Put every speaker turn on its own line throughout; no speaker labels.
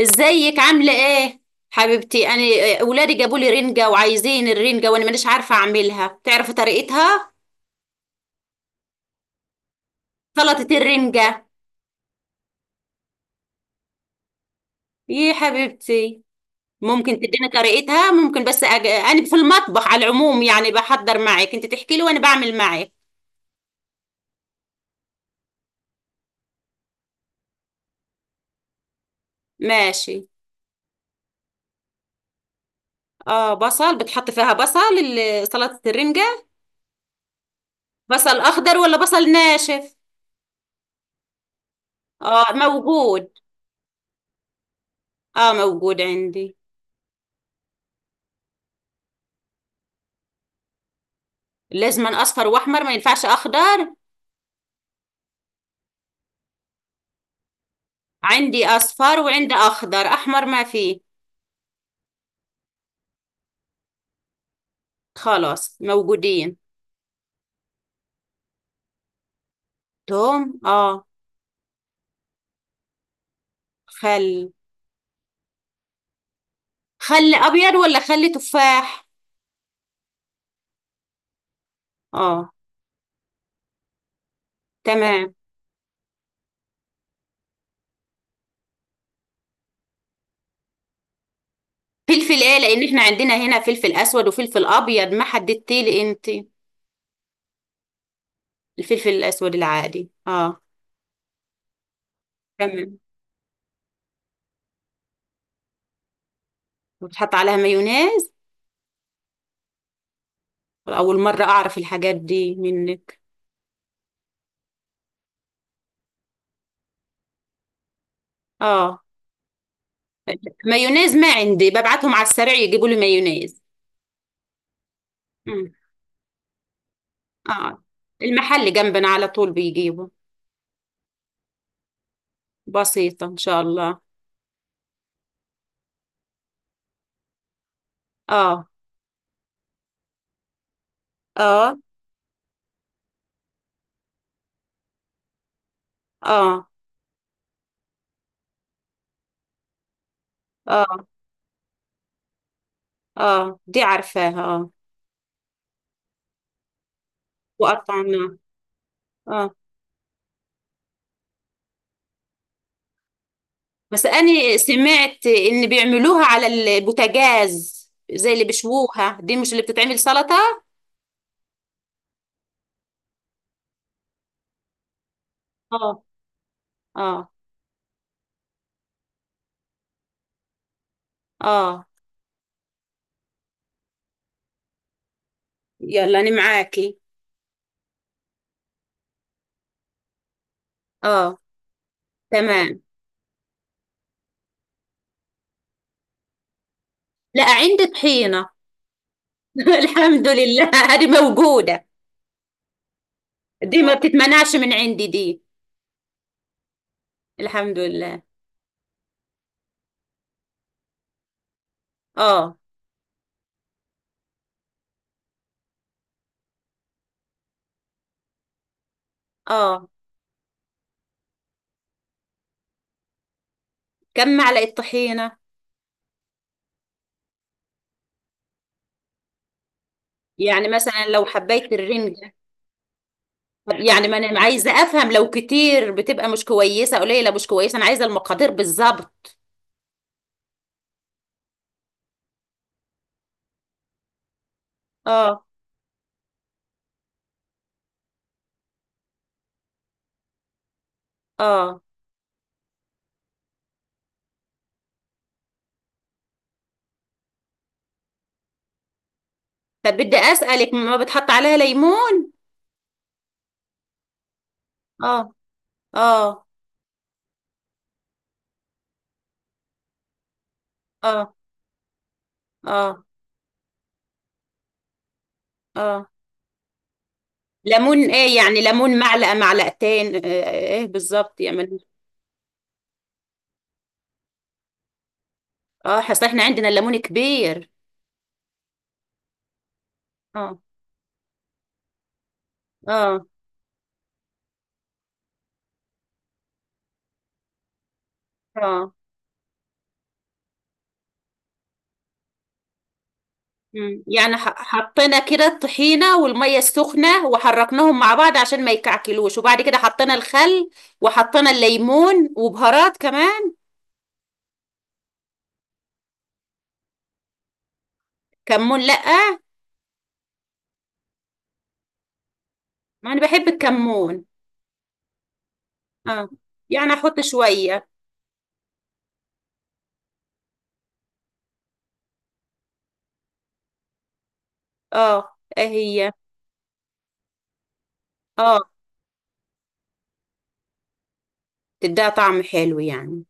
ازيك، عامله ايه، حبيبتي؟ انا آه، اولادي جابوا لي رنجه وعايزين الرنجه وانا مانيش عارفه اعملها، تعرفي طريقتها؟ سلطه الرنجه. إيه يا حبيبتي؟ ممكن تديني طريقتها؟ ممكن بس انا في المطبخ على العموم، يعني بحضر معك، انت تحكي لي وانا بعمل معك. ماشي. اه، بصل. بتحط فيها بصل سلطه الرنجه؟ بصل اخضر ولا بصل ناشف؟ اه موجود. اه موجود عندي. لازم اصفر واحمر؟ ما ينفعش اخضر؟ عندي اصفر وعندي اخضر، احمر ما فيه. خلاص موجودين. توم، اه. خل. خل ابيض ولا خل تفاح؟ اه. تمام. فلفل ايه؟ لان احنا عندنا هنا فلفل اسود وفلفل ابيض، ما حددتي لي انت. الفلفل الاسود العادي، اه. تمام. وبتحط عليها مايونيز؟ اول مره اعرف الحاجات دي منك. اه. مايونيز ما عندي، ببعتهم على السريع يجيبوا لي مايونيز. مم. اه. المحل جنبنا على طول بيجيبوا. بسيطة إن شاء الله. آه. آه. آه. آه. آه، دي عارفاها، آه. وقطعناها. آه. بس أنا سمعت إن بيعملوها على البوتاجاز، زي اللي بيشووها، دي مش اللي بتتعمل سلطة؟ آه. آه. آه. يلا أنا معاكي. آه. تمام. لا، عندي طحينة. الحمد لله، هذه موجودة. دي ما بتتمنعش من عندي دي. الحمد لله. آه. آه. كم معلقة طحينة؟ يعني مثلا لو حبيت الرنجة، يعني ما انا عايزة افهم، لو كتير بتبقى مش كويسة، قليلة مش كويسة، انا عايزة المقادير بالظبط. اه. اه. طب بدي اسألك، ما بتحط عليها ليمون؟ اه. اه. اه. اه. اه. ليمون ايه يعني؟ ليمون معلقة، معلقتين، آه، آه، ايه بالظبط يعني؟ اه، اصل احنا عندنا الليمون كبير. اه. اه. اه. مم. يعني حطينا كده الطحينة والمية السخنة وحركناهم مع بعض عشان ما يكعكلوش، وبعد كده حطينا الخل وحطينا الليمون وبهارات كمان. كمون، لأ. ما أنا بحب الكمون. اه. يعني أحط شوية؟ اه. إيه هي؟ اه. تديها طعم حلو يعني؟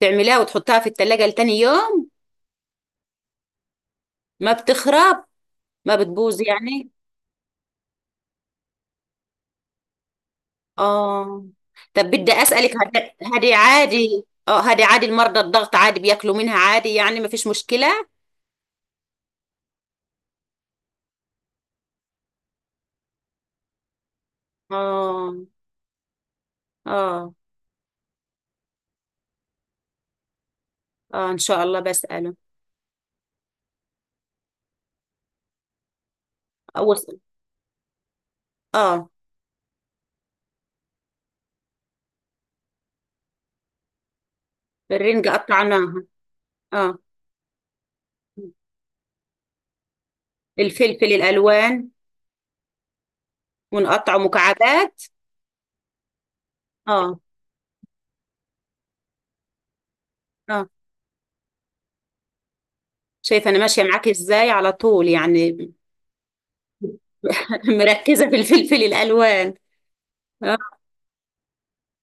تعملها وتحطها في التلاجة لتاني يوم؟ ما بتخرب، ما بتبوظ يعني؟ اه. طب بدي أسألك، هدي عادي؟ اه، هدي عادي؟ المرضى الضغط عادي بياكلوا منها؟ عادي يعني ما فيش مشكلة؟ اه. اه. اه، ان شاء الله بسأله. اول، اه. الرنج قطعناها. اه. الفلفل الالوان. ونقطعه مكعبات. اه. اه. شايفه انا ماشيه معاك ازاي على طول يعني. مركزه في الفلفل الالوان. اه.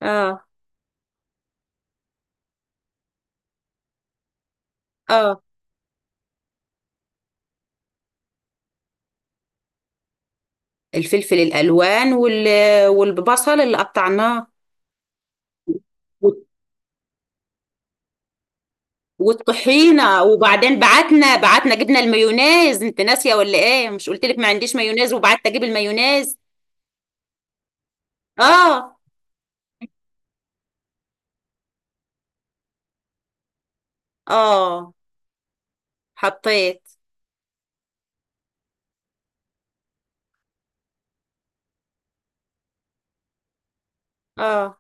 اه. اه. الفلفل الالوان والبصل اللي قطعناه وال- والطحينه، وبعدين بعتنا جبنا المايونيز، انت ناسيه ولا ايه؟ مش قلت لك ما عنديش مايونيز وبعتت اجيب المايونيز؟ اه. اه، حطيت. اه.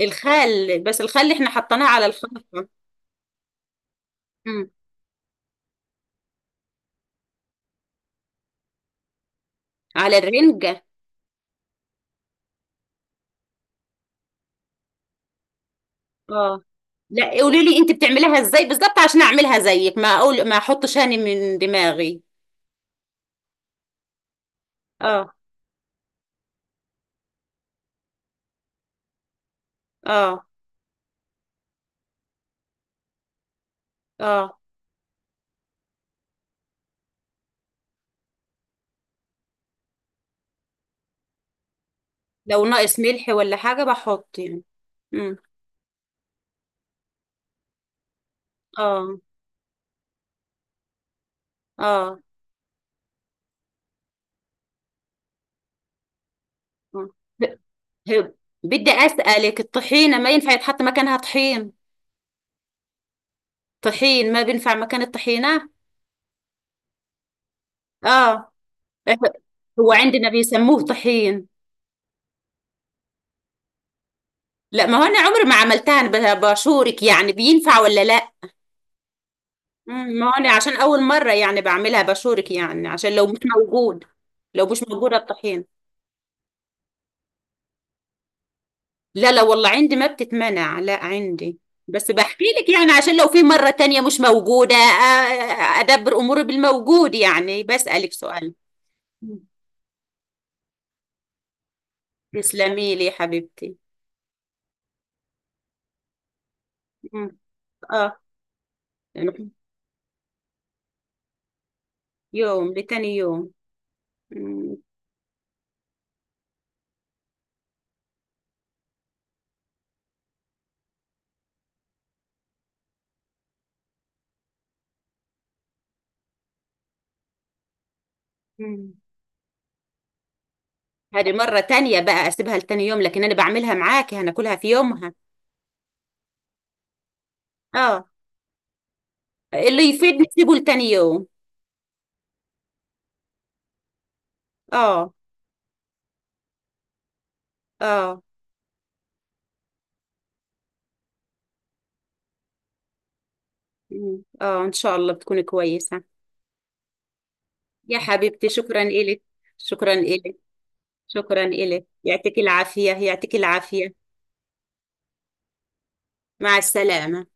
الخل؟ بس الخل احنا حطيناه على الخلطة. مم. على الرنجة. اه. لا، قولي لي انت بتعمليها ازاي بالظبط عشان اعملها زيك، ما اقول ما احطش هاني من دماغي. اه. اه. اه. لو ناقص ملح ولا حاجة بحط يعني؟ مم. اه. اه. آه. ب- هب. بدي اسألك، الطحينة ما ينفع يتحط مكانها طحين؟ طحين ما بينفع مكان الطحينة؟ اه. إيه، هو عندنا بيسموه طحين. لا، ما هو انا عمري ما عملتها، انا بشورك يعني، بينفع ولا لا؟ مم، ما هو انا عشان اول مره يعني بعملها بشورك، يعني عشان لو مش موجود، لو مش موجوده الطحين. لا لا، والله عندي، ما بتتمنع، لا عندي. بس بحكي لك يعني عشان لو في مره تانية مش موجوده، ادبر اموري بالموجود يعني، بسالك سؤال. مم. تسلمي لي يا حبيبتي. مم. اه، يعني. يوم لتاني يوم. مم. مم. هذه مرة تانية بقى اسيبها لتاني يوم، لكن انا بعملها معاكي هناكلها في يومها. اه. اللي يفيد نسيبه لتاني يوم. اه. اه. مم. اه، ان شاء الله بتكوني كويسة. يا حبيبتي شكرا إلك. شكرا إلك. شكرا إلك، يعطيك العافية، يعطيك العافية. مع السلامة.